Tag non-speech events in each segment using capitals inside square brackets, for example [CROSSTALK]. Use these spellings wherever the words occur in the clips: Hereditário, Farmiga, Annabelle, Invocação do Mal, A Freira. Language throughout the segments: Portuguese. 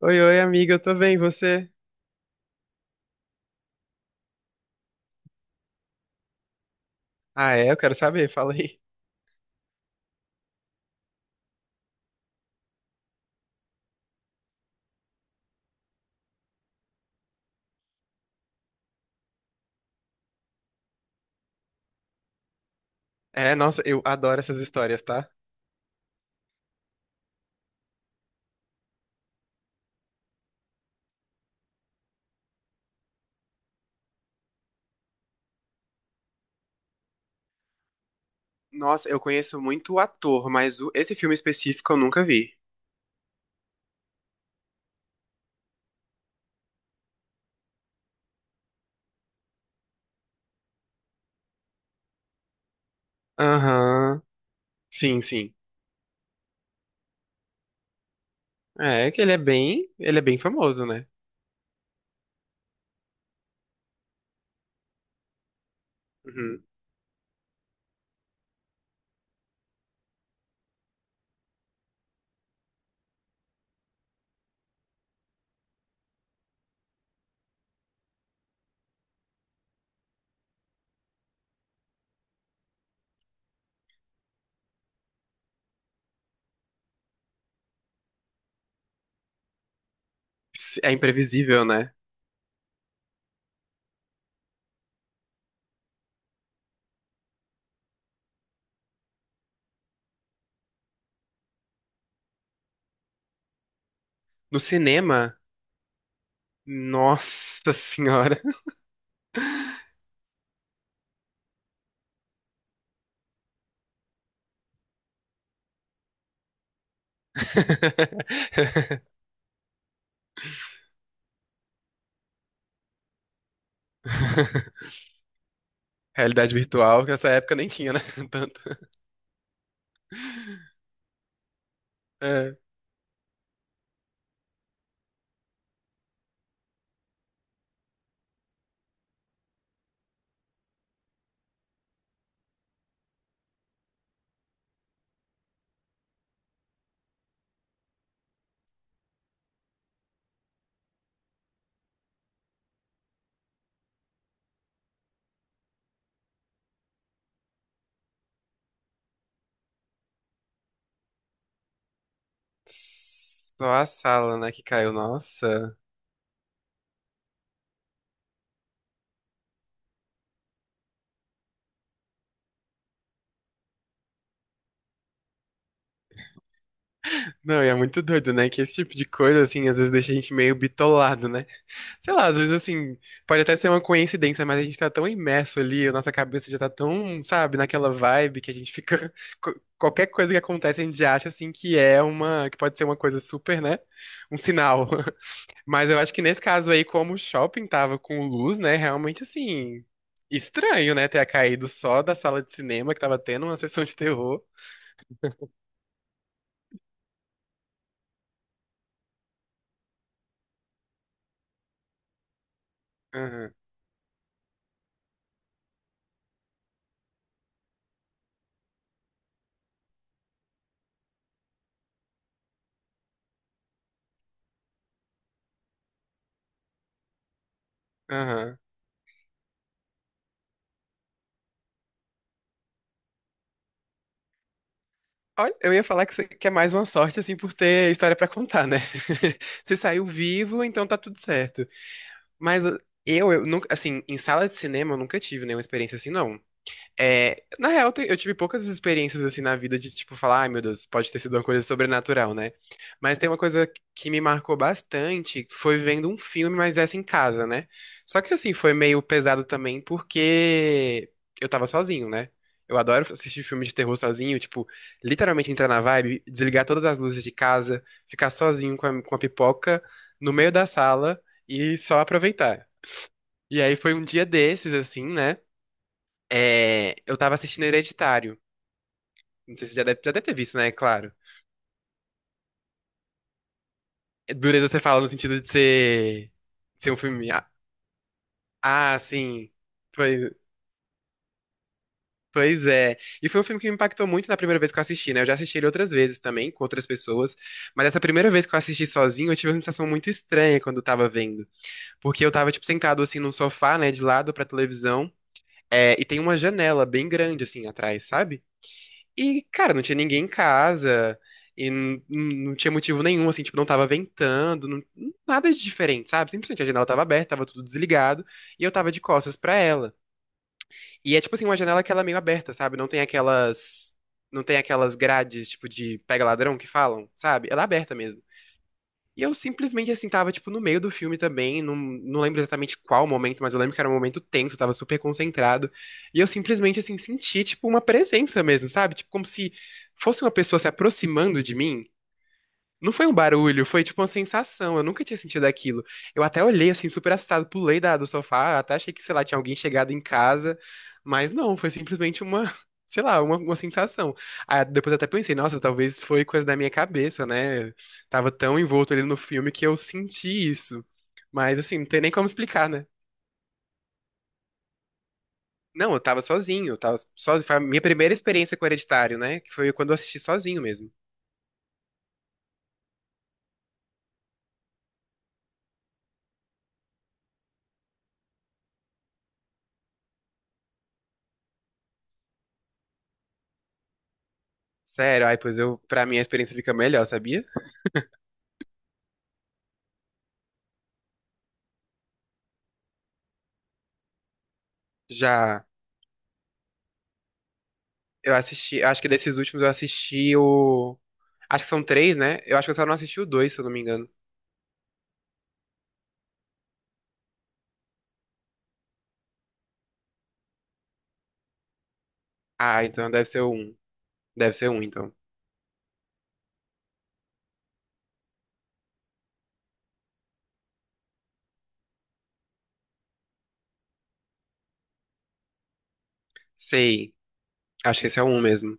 Oi, oi, amiga, eu tô bem, e você? Ah, é? Eu quero saber, fala aí. É, nossa, eu adoro essas histórias, tá? Nossa, eu conheço muito o ator, mas esse filme específico eu nunca vi. Aham. Sim, sim. É que ele é bem famoso, né? Uhum. É imprevisível, né? No cinema, nossa senhora. [LAUGHS] [LAUGHS] Realidade virtual, que nessa época nem tinha, né? [LAUGHS] Tanto. É. Só a sala, né, que caiu. Nossa. Não, e é muito doido, né? Que esse tipo de coisa, assim, às vezes deixa a gente meio bitolado, né? Sei lá, às vezes, assim, pode até ser uma coincidência, mas a gente tá tão imerso ali, a nossa cabeça já tá tão, sabe, naquela vibe que a gente fica. [LAUGHS] Qualquer coisa que acontece, a gente já acha, assim, que é uma. Que pode ser uma coisa super, né? Um sinal. [LAUGHS] Mas eu acho que nesse caso aí, como o shopping tava com luz, né? Realmente assim. Estranho, né? Ter caído só da sala de cinema que tava tendo uma [LAUGHS] sessão de terror. Aham, aham. Olha, eu ia falar que, que é mais uma sorte, assim, por ter história pra contar, né? [LAUGHS] Você saiu vivo, então tá tudo certo. Mas eu nunca, assim, em sala de cinema eu nunca tive nenhuma experiência assim, não. É, na real, eu tive poucas experiências assim na vida de tipo falar, ai meu Deus, pode ter sido uma coisa sobrenatural, né? Mas tem uma coisa que me marcou bastante, foi vendo um filme, mas essa em casa, né? Só que assim, foi meio pesado também porque eu tava sozinho, né? Eu adoro assistir filme de terror sozinho, tipo, literalmente entrar na vibe, desligar todas as luzes de casa, ficar sozinho com com a pipoca no meio da sala e só aproveitar. E aí foi um dia desses, assim, né? É, eu tava assistindo Hereditário. Não sei se você já deve ter visto, né? Claro. É, dureza você fala no sentido de ser um filme. Ah, ah, sim. Pois, pois é. E foi um filme que me impactou muito na primeira vez que eu assisti, né? Eu já assisti ele outras vezes também, com outras pessoas. Mas essa primeira vez que eu assisti sozinho, eu tive uma sensação muito estranha quando eu tava vendo. Porque eu tava, tipo, sentado assim num sofá, né? De lado pra televisão. É, e tem uma janela bem grande, assim, atrás, sabe? E, cara, não tinha ninguém em casa, e não tinha motivo nenhum, assim, tipo, não tava ventando, não nada de diferente, sabe? Simplesmente a janela tava aberta, tava tudo desligado, e eu tava de costas pra ela. E é, tipo assim, uma janela que ela é meio aberta, sabe? Não tem aquelas grades, tipo, de pega ladrão que falam, sabe? Ela é aberta mesmo. E eu simplesmente, assim, tava, tipo, no meio do filme também, não lembro exatamente qual momento, mas eu lembro que era um momento tenso, eu tava super concentrado. E eu simplesmente, assim, senti, tipo, uma presença mesmo, sabe? Tipo, como se fosse uma pessoa se aproximando de mim. Não foi um barulho, foi tipo uma sensação. Eu nunca tinha sentido aquilo. Eu até olhei assim, super assustado, pulei da, do sofá, até achei que, sei lá, tinha alguém chegado em casa. Mas não, foi simplesmente [LAUGHS] sei lá, uma sensação. Aí depois até pensei, nossa, talvez foi coisa da minha cabeça, né? Tava tão envolto ali no filme que eu senti isso. Mas assim, não tem nem como explicar, né? Não, eu tava sozinho. Foi a minha primeira experiência com Hereditário, né? Que foi quando eu assisti sozinho mesmo. Sério, ai, pois eu, pra mim a experiência fica melhor, sabia? Já eu assisti, eu acho que desses últimos eu assisti o. Acho que são três, né? Eu acho que eu só não assisti o dois, se eu não me engano. Ah, então deve ser o um. Deve ser um, então. Sei. Acho que esse é o um mesmo.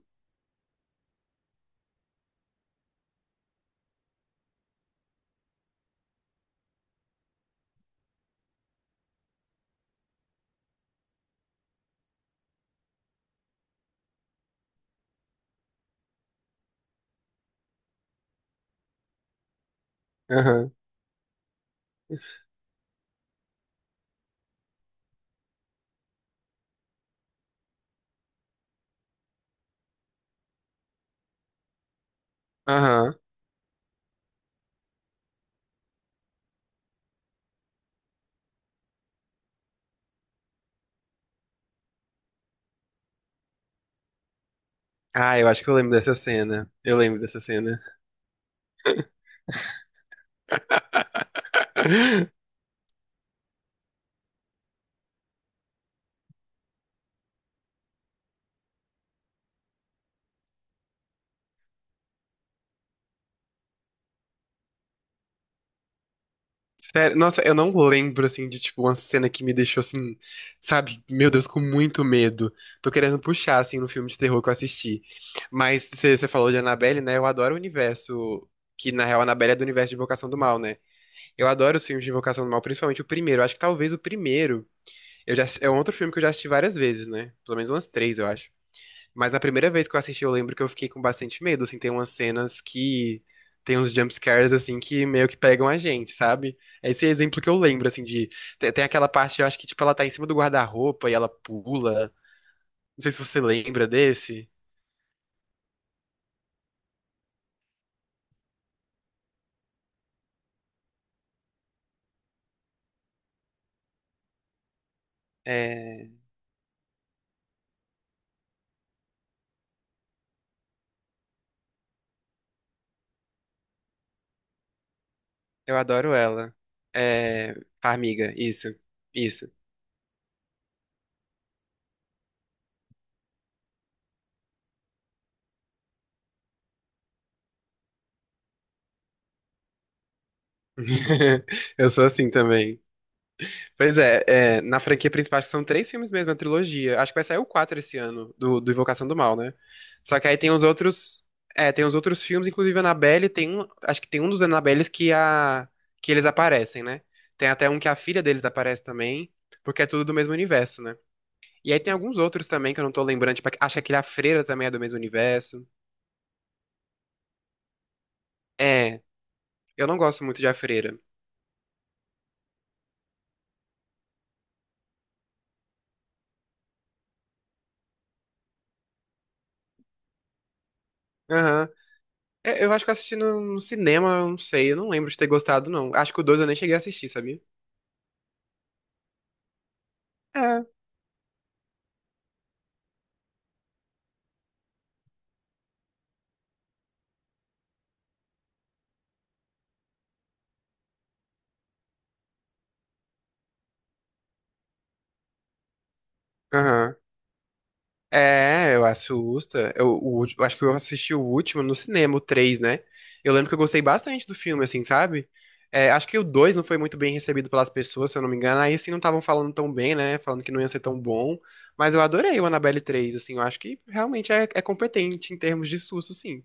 Aham. Aham. Ah, eu acho que eu lembro dessa cena. Eu lembro dessa cena. [LAUGHS] Sério, nossa, eu não lembro, assim, de, tipo, uma cena que me deixou, assim, sabe, meu Deus, com muito medo. Tô querendo puxar, assim, no filme de terror que eu assisti. Mas você falou de Annabelle, né? Eu adoro o universo, que na real a Annabelle é do universo de Invocação do Mal, né? Eu adoro os filmes de Invocação do Mal, principalmente o primeiro. Acho que talvez o primeiro. Eu já, é um outro filme que eu já assisti várias vezes, né? Pelo menos umas três, eu acho. Mas na primeira vez que eu assisti, eu lembro que eu fiquei com bastante medo. Assim, tem umas cenas que. Tem uns jumpscares, assim, que meio que pegam a gente, sabe? Esse é exemplo que eu lembro, assim, de. Tem aquela parte, eu acho que, tipo, ela tá em cima do guarda-roupa e ela pula. Não sei se você lembra desse. É. Eu adoro ela. É. Farmiga, isso. Isso. [LAUGHS] Eu sou assim também. Pois é, é, na franquia principal acho que são três filmes mesmo, a trilogia. Acho que vai sair o 4 esse ano, do Invocação do Mal, né? Só que aí tem os outros. É, tem os outros filmes, inclusive Annabelle, tem um. Acho que tem um dos Annabelles que a. Que eles aparecem, né? Tem até um que a filha deles aparece também, porque é tudo do mesmo universo, né? E aí tem alguns outros também que eu não tô lembrando, tipo, acho que aquele A Freira também é do mesmo universo. É, eu não gosto muito de A Freira. Aham. É, eu acho que eu assisti no cinema, eu não sei, eu não lembro de ter gostado, não. Acho que o 2 eu nem cheguei a assistir, sabia? É. Aham. É, eu assusta. Eu, eu acho que eu assisti o último no cinema, o 3, né? Eu lembro que eu gostei bastante do filme, assim, sabe? É, acho que o 2 não foi muito bem recebido pelas pessoas, se eu não me engano. Aí, assim, não estavam falando tão bem, né? Falando que não ia ser tão bom. Mas eu adorei o Annabelle 3, assim. Eu acho que realmente é competente em termos de susto, sim.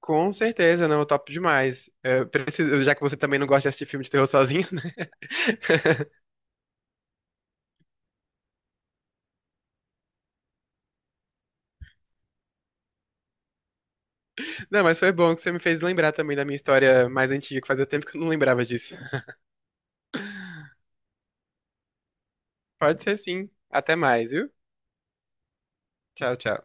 Com certeza, não, top demais. É, preciso- já que você também não gosta de assistir filme de terror sozinho, né? [LAUGHS] Não, mas foi bom que você me fez lembrar também da minha história mais antiga, que fazia tempo que eu não lembrava disso. Pode ser sim. Até mais, viu? Tchau, tchau.